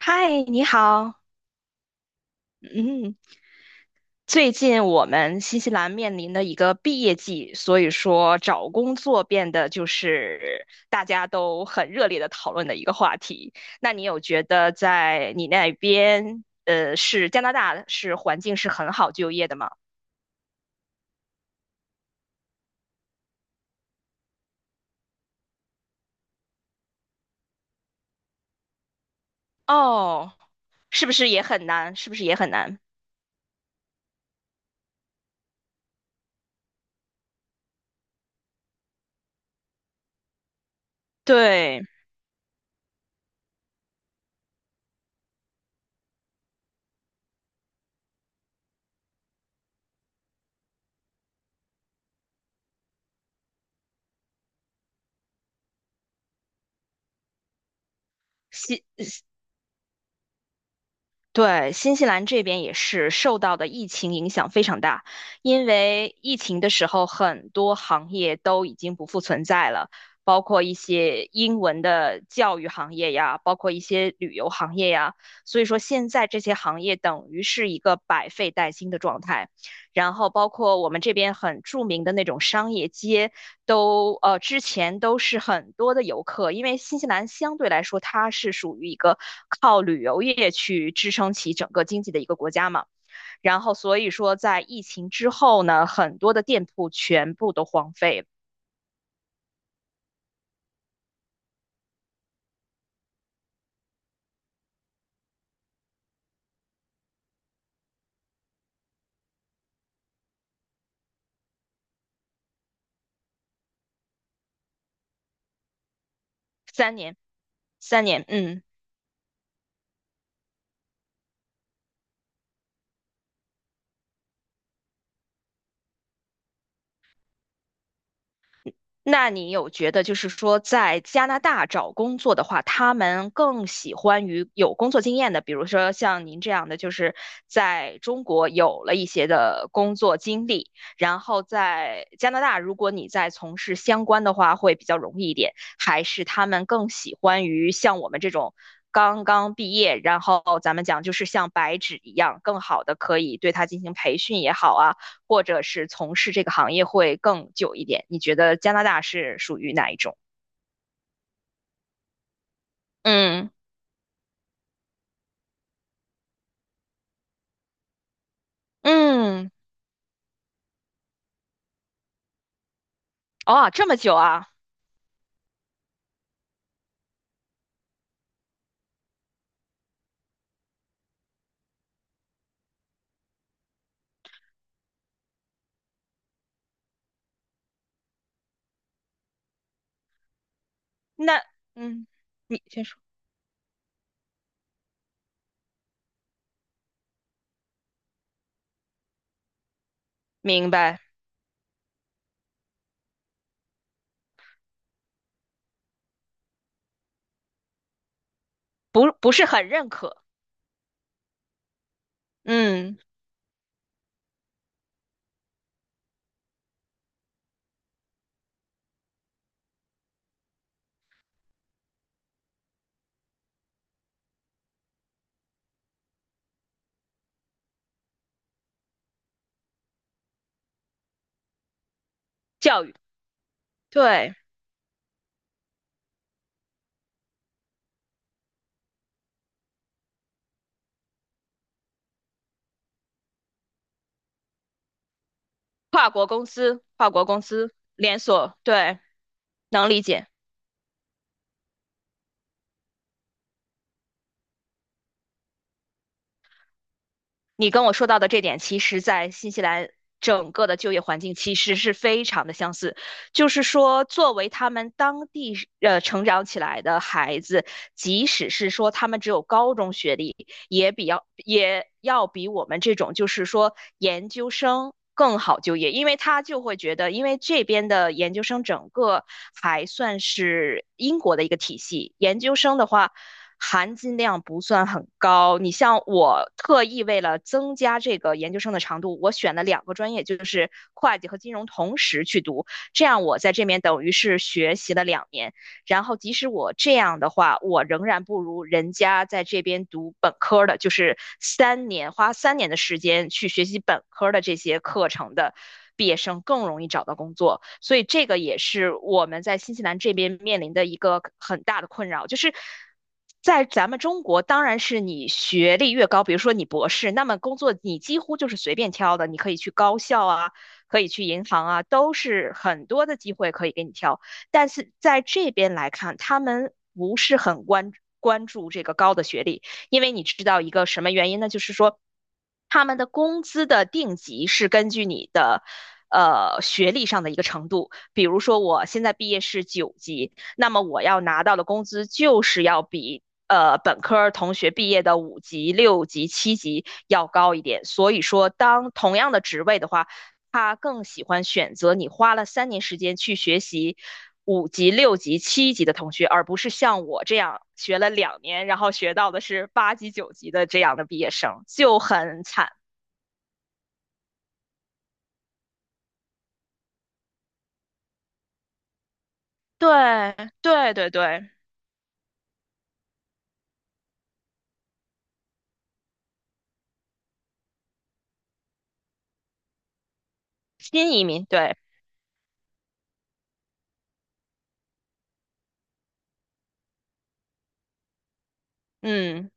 嗨，你好。嗯，最近我们新西兰面临的一个毕业季，所以说找工作变得就是大家都很热烈的讨论的一个话题。那你有觉得在你那边，是加拿大是环境是很好就业的吗？哦，是不是也很难？是不是也很难？对。西对，新西兰这边也是受到的疫情影响非常大，因为疫情的时候，很多行业都已经不复存在了，包括一些英文的教育行业呀，包括一些旅游行业呀，所以说现在这些行业等于是一个百废待兴的状态。然后包括我们这边很著名的那种商业街都之前都是很多的游客，因为新西兰相对来说它是属于一个靠旅游业去支撑起整个经济的一个国家嘛，然后所以说在疫情之后呢，很多的店铺全部都荒废了。三年，三年，嗯。那你有觉得，就是说，在加拿大找工作的话，他们更喜欢于有工作经验的，比如说像您这样的，就是在中国有了一些的工作经历，然后在加拿大，如果你在从事相关的话，会比较容易一点，还是他们更喜欢于像我们这种刚刚毕业，然后咱们讲就是像白纸一样，更好的可以对他进行培训也好啊。或者是从事这个行业会更久一点？你觉得加拿大是属于哪一种？嗯嗯，哦，这么久啊？那嗯，你先说，明白，不是很认可。嗯，教育，对，跨国公司，跨国公司连锁，对，能理解。你跟我说到的这点，其实在新西兰整个的就业环境其实是非常的相似。就是说，作为他们当地成长起来的孩子，即使是说他们只有高中学历，也比较也要比我们这种就是说研究生更好就业，因为他就会觉得，因为这边的研究生整个还算是英国的一个体系，研究生的话。含金量不算很高。你像我特意为了增加这个研究生的长度，我选了两个专业，就是会计和金融同时去读，这样我在这边等于是学习了两年。然后即使我这样的话，我仍然不如人家在这边读本科的，就是三年花三年的时间去学习本科的这些课程的。毕业生更容易找到工作，所以这个也是我们在新西兰这边面临的一个很大的困扰，就是在咱们中国，当然是你学历越高，比如说你博士，那么工作你几乎就是随便挑的，你可以去高校啊，可以去银行啊，都是很多的机会可以给你挑。但是在这边来看，他们不是很关注这个高的学历，因为你知道一个什么原因呢？就是说他们的工资的定级是根据你的。学历上的一个程度，比如说我现在毕业是九级，那么我要拿到的工资就是要比本科同学毕业的五级、六级、七级要高一点。所以说，当同样的职位的话，他更喜欢选择你花了三年时间去学习五级、六级、七级的同学，而不是像我这样学了两年，然后学到的是八级、九级的这样的毕业生，就很惨。对，对，对，对，新移民，对，嗯，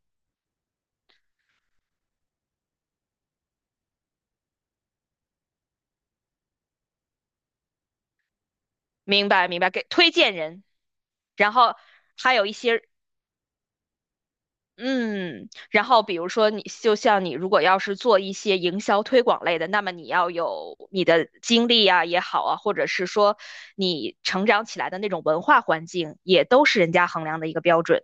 明白，明白，给推荐人，然后还有一些嗯，然后比如说你，就像你如果要是做一些营销推广类的，那么你要有你的经历啊也好啊，或者是说你成长起来的那种文化环境，也都是人家衡量的一个标准。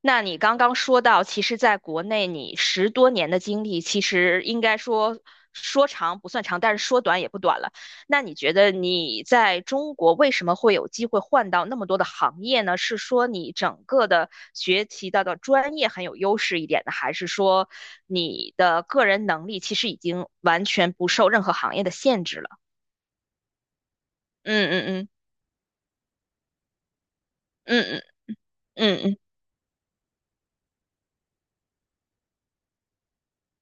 那你刚刚说到，其实在国内你十多年的经历，其实应该说说长不算长，但是说短也不短了。那你觉得你在中国为什么会有机会换到那么多的行业呢？是说你整个的学习到的专业很有优势一点呢，还是说你的个人能力其实已经完全不受任何行业的限制了？嗯嗯嗯嗯嗯嗯嗯。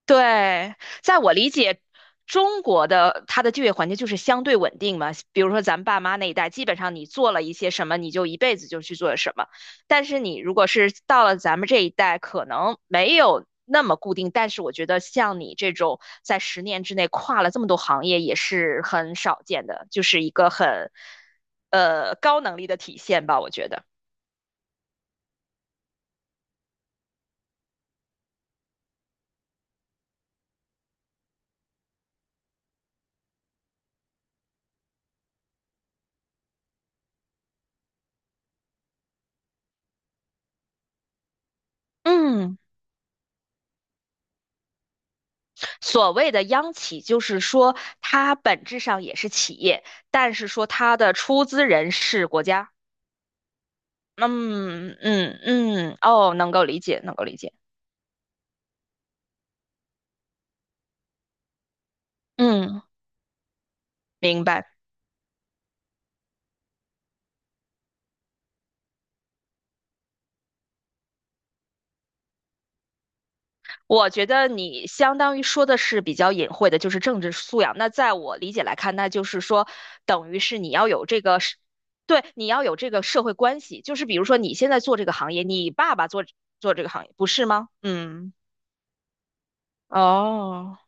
对，在我理解，中国的它的就业环境就是相对稳定嘛。比如说咱爸妈那一代，基本上你做了一些什么，你就一辈子就去做什么。但是你如果是到了咱们这一代，可能没有那么固定。但是我觉得像你这种在十年之内跨了这么多行业，也是很少见的，就是一个很高能力的体现吧，我觉得。嗯。所谓的央企，就是说它本质上也是企业，但是说它的出资人是国家。嗯嗯嗯，哦，能够理解，能够理解。嗯，明白。我觉得你相当于说的是比较隐晦的，就是政治素养。那在我理解来看，那就是说，等于是你要有这个是，对，你要有这个社会关系。就是比如说，你现在做这个行业，你爸爸做这个行业，不是吗？嗯，哦。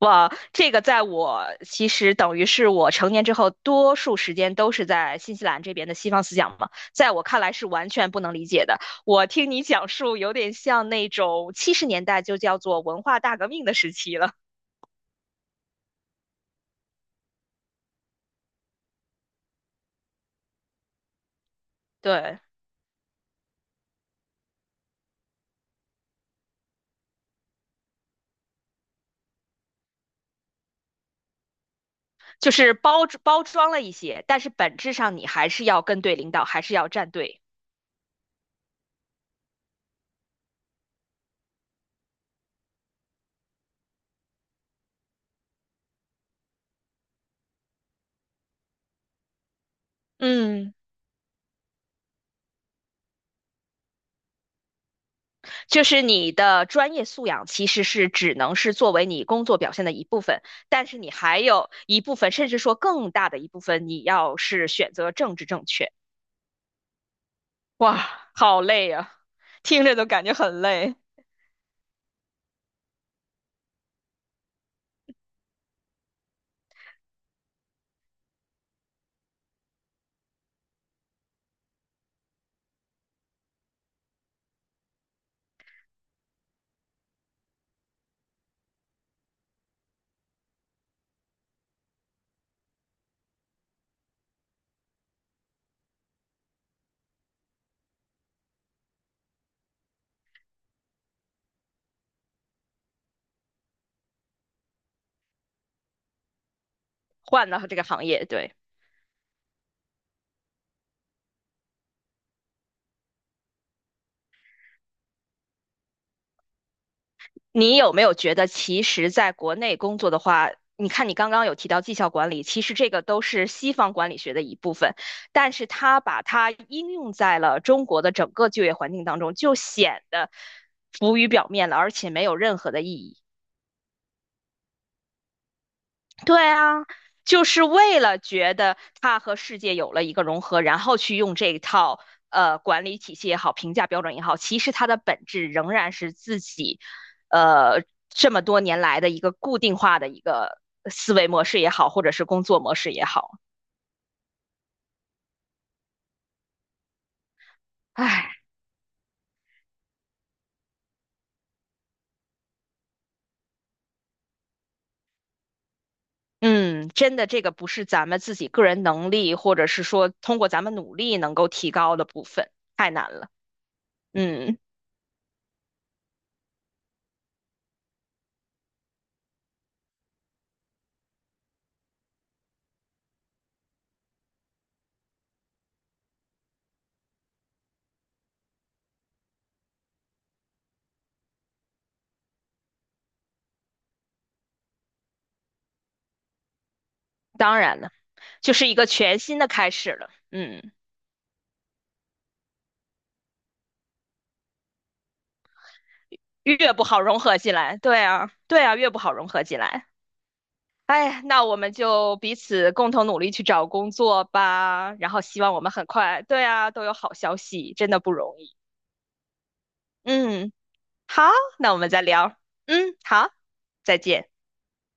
哇，这个在我其实等于是我成年之后，多数时间都是在新西兰这边的西方思想嘛，在我看来是完全不能理解的。我听你讲述，有点像那种七十年代就叫做文化大革命的时期了。对，就是包装了一些，但是本质上你还是要跟对领导，还是要站队。嗯。就是你的专业素养其实是只能是作为你工作表现的一部分，但是你还有一部分，甚至说更大的一部分，你要是选择政治正确，哇，好累啊，听着都感觉很累，换了这个行业，对。你有没有觉得，其实在国内工作的话，你看你刚刚有提到绩效管理，其实这个都是西方管理学的一部分，但是它把它应用在了中国的整个就业环境当中，就显得浮于表面了，而且没有任何的意义。对啊，就是为了觉得他和世界有了一个融合，然后去用这一套管理体系也好，评价标准也好，其实它的本质仍然是自己呃这么多年来的一个固定化的一个思维模式也好，或者是工作模式也好，唉。嗯，真的，这个不是咱们自己个人能力，或者是说通过咱们努力能够提高的部分，太难了。嗯，当然了，就是一个全新的开始了。嗯。越不好融合进来，对啊，对啊，越不好融合进来。哎，那我们就彼此共同努力去找工作吧，然后希望我们很快，对啊，都有好消息，真的不容易。嗯，好，那我们再聊。嗯，好，再见。